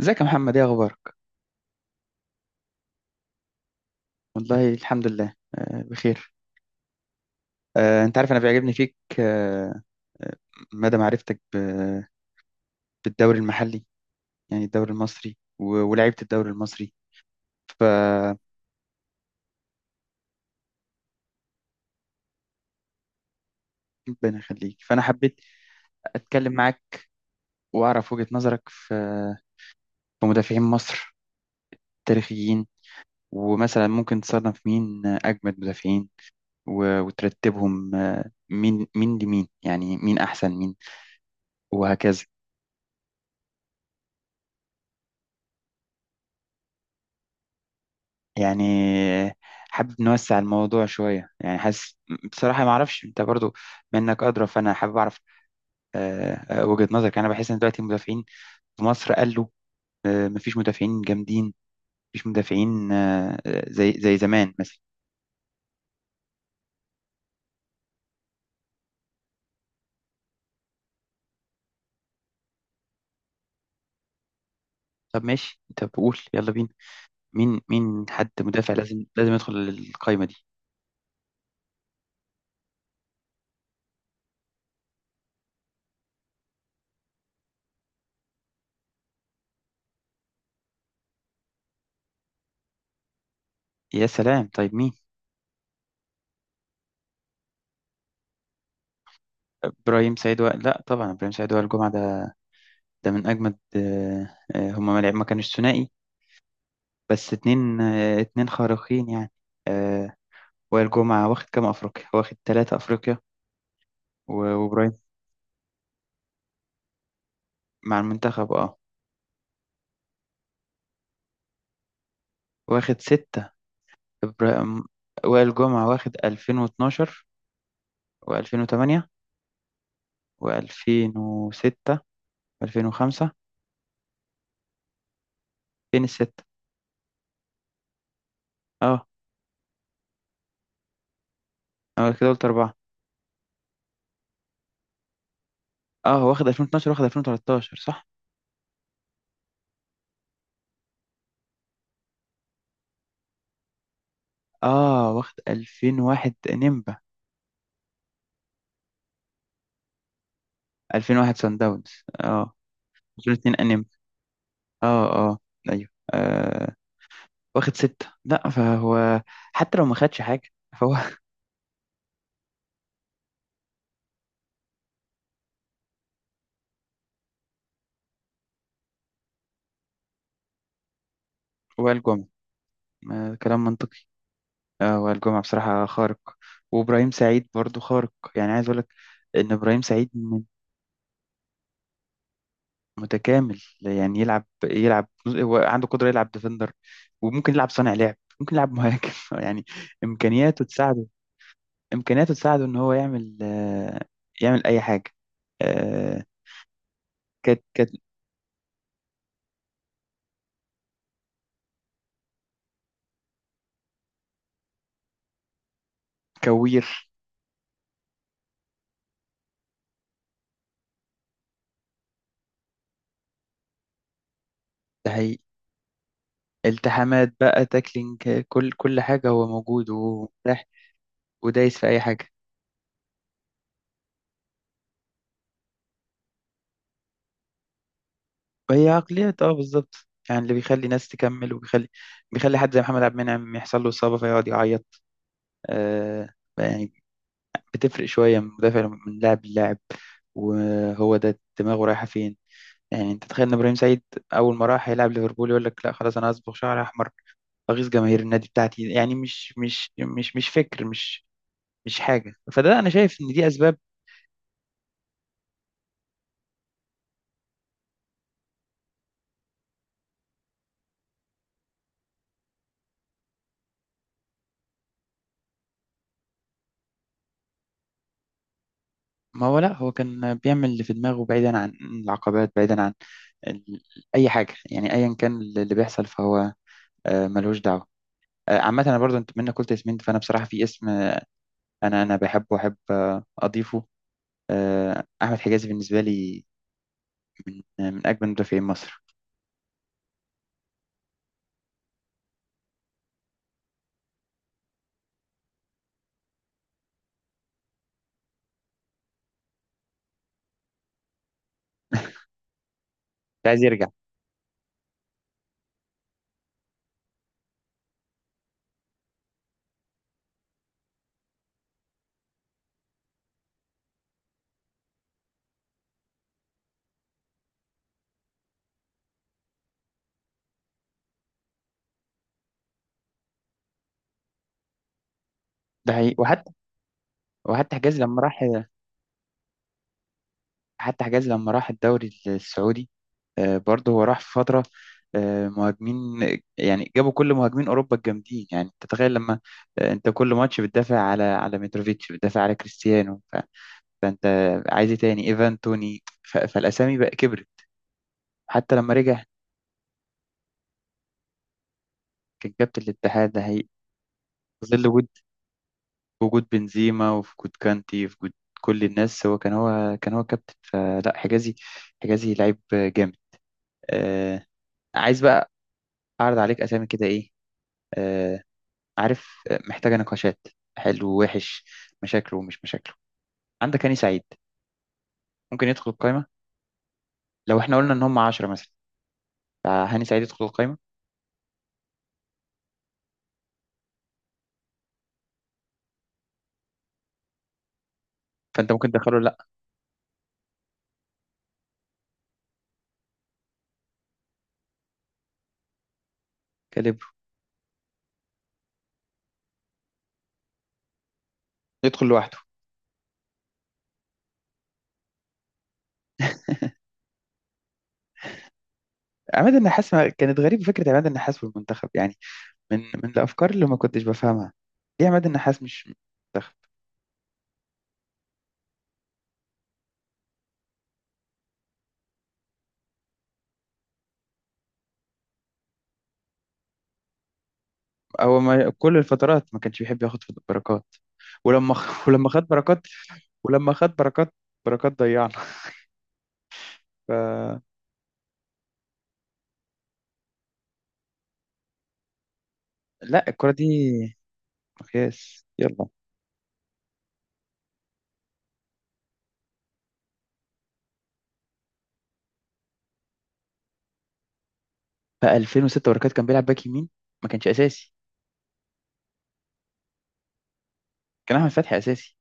ازيك يا محمد، ايه اخبارك؟ والله الحمد لله، بخير. انت عارف، انا بيعجبني فيك آه، مدى معرفتك بالدوري المحلي، يعني الدوري المصري ولعيبة الدوري المصري. ف ربنا يخليك، فانا حبيت اتكلم معاك واعرف وجهة نظرك في مدافعين مصر تاريخيين. ومثلا ممكن تصنف مين اجمد مدافعين وترتبهم، مين لمين، يعني مين احسن مين وهكذا. يعني حابب نوسع الموضوع شوية، يعني حاسس بصراحة ما أعرفش، أنت برضو منك أدرى، فأنا حابب أعرف آه، وجهة نظرك. يعني أنا بحس إن دلوقتي المدافعين في مصر، قالوا مفيش مدافعين جامدين، مفيش مدافعين زي زمان مثلا. طب ماشي، طب قول يلا بينا، مين حد مدافع لازم يدخل القايمة دي. يا سلام، طيب مين؟ لا طبعا، إبراهيم سعيد وائل الجمعة، ده من أجمد. هما ما كانوش ثنائي، بس اتنين خارقين يعني. آه، وائل جمعة واخد كام أفريقيا؟ واخد 3 أفريقيا. وإبراهيم... مع المنتخب، اه، واخد 6. إبراهيم... وائل جمعة واخد 2012، وألفين وتمانية، وألفين وستة، وألفين وخمسة. فين الستة؟ اه، أنا كده قلت 4. اه، واخد 2012، واخد 2013، صح. اه، واخد 2001 نيمبا. 2001 سان داونز، اه. 2002 أنيمبا. اه، اه، أيوه. واخد 6، لا فهو حتى لو ما خدش حاجة فهو وائل جمعة، كلام منطقي. وائل جمعة بصراحة خارق، وإبراهيم سعيد برضو خارق. يعني عايز أقولك إن إبراهيم سعيد متكامل. يعني يلعب يلعب هو عنده قدرة يلعب ديفندر، وممكن يلعب صانع لعب، ممكن يلعب مهاجم يعني إمكانياته تساعده، إن هو يعمل، يعمل أي حاجة. آه، كت كت كوير، التحامات بقى، تاكلينج، كل حاجة هو موجود ومتاح، ودايس في أي حاجة. وهي عقليات، اه، بالظبط. يعني اللي بيخلي ناس تكمل، وبيخلي حد زي محمد عبد المنعم يحصل له إصابة فيقعد يعيط. آه يعني بتفرق شوية من مدافع، من لاعب للاعب. وهو ده دماغه رايحة فين؟ يعني انت تخيل ان ابراهيم سعيد اول ما راح يلعب ليفربول، يقول لك لا خلاص، انا هصبغ شعر احمر، اغيظ جماهير النادي بتاعتي. يعني مش فكر، مش حاجة. فده انا شايف ان دي اسباب. ما هو، لا هو كان بيعمل اللي في دماغه، بعيدا عن العقبات، بعيدا عن ال... أي حاجة. يعني أيا كان اللي بيحصل فهو، ملهوش دعوة. عامة، أنا برضو أنت منك قلت اسمين، فأنا بصراحة في اسم، أنا بحبه وأحب أضيفه. أحمد حجازي بالنسبة لي، من من أجمل مدافعين مصر. مش عايز يرجع. ده حقيقي. وحتى... وحتى حجازي لما راح، حتى حجاز لما راح الدوري السعودي، برضه هو راح في فترة مهاجمين. يعني جابوا كل مهاجمين أوروبا الجامدين. يعني أنت تتخيل لما، أنت كل ماتش بتدافع على متروفيتش، بتدافع على كريستيانو، فأنت عايز إيه تاني؟ إيفان توني. فالأسامي بقى كبرت. حتى لما رجع، كان كابتن الاتحاد ده. هي في ظل وجود، وجود بنزيما، وفي وجود كانتي، وفي وجود كل الناس، هو كابتن، فلا حجازي... حجازي لعيب جامد آه، عايز بقى أعرض عليك أسامي كده، إيه؟ آه، عارف، محتاجة نقاشات. حلو ووحش، مشاكله ومش مشاكله. عندك هاني سعيد، ممكن يدخل القايمة. لو احنا قلنا ان هم 10 مثلا، فهاني سعيد يدخل القايمة. فانت ممكن تدخله؟ لا. كاليبرو، يدخل لوحده. عماد النحاس... كانت غريبة فكرة عماد النحاس في المنتخب، يعني من الافكار اللي ما كنتش بفهمها. ليه عماد النحاس مش منتخب؟ هو ما كل الفترات ما كانش بيحب ياخد بركات. ولما ولما خد بركات، بركات ضيعنا. ف... لا الكرة دي مقياس. يلا. بقى 2006 بركات كان بيلعب باك يمين؟ ما كانش اساسي، كان احمد فتحي اساسي.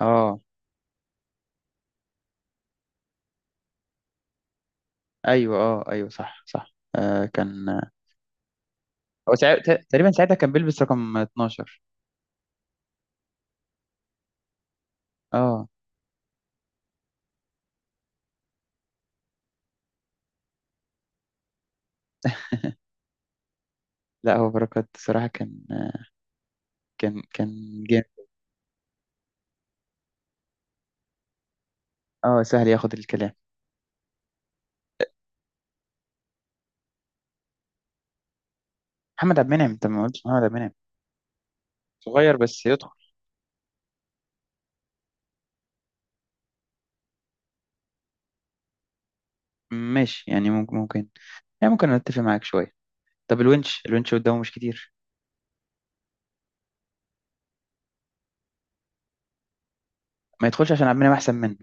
اه، ايوه، اه، ايوه، صح صح. كان هو تقريبا ساعتها كان بيلبس رقم 12. اه. لا، هو بركات صراحة كان جامد. اه، سهل ياخد الكلام. محمد عبد المنعم، انت ما قلتش محمد عبد المنعم؟ صغير بس يدخل. ماشي، يعني ممكن يعني ممكن اتفق معاك شوية. طب الونش، الونش قدامه مش كتير؟ ما يدخلش عشان عبد المنعم احسن منه؟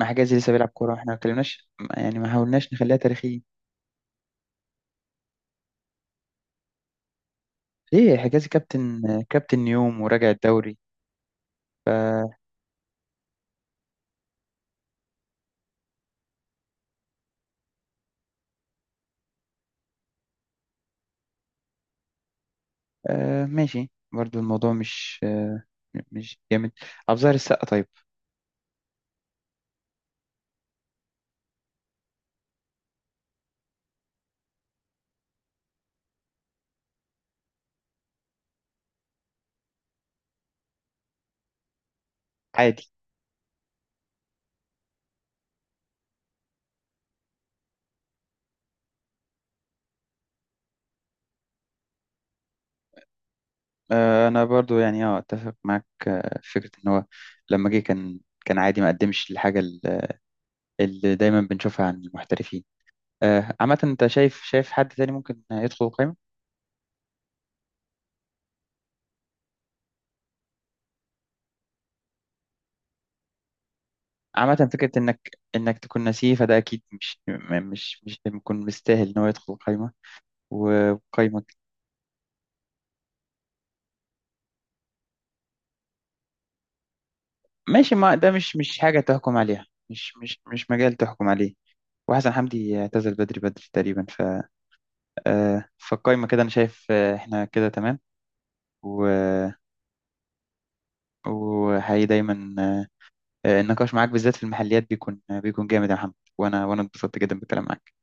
مع حجازي لسه بيلعب كورة، احنا ما اتكلمناش، يعني ما حاولناش نخليها تاريخية؟ ايه، حجازي كابتن، كابتن نيوم وراجع الدوري. آه ماشي، برضو الموضوع مش جامد. أبو ظاهر السقا طيب؟ عادي. انا برضو، يعني اه اتفق معاك، في فكرة ان هو لما جه كان عادي، ما قدمش الحاجة اللي دايما بنشوفها عن المحترفين. آه، عامة انت شايف، حد تاني ممكن يدخل القائمة؟ عامة فكرة انك تكون نسيه، فده اكيد مش م- مش مش بيكون مستاهل ان هو يدخل القائمة وقائمة. ماشي، ما ده مش حاجة تحكم عليها، مش مجال تحكم عليه. وحسن حمدي اعتزل بدري بدري تقريبا. فالقايمة كده أنا شايف، إحنا كده تمام. و وحقيقي دايما، النقاش معاك بالذات في المحليات بيكون جامد يا محمد، وأنا اتبسطت جدا بالكلام معاك.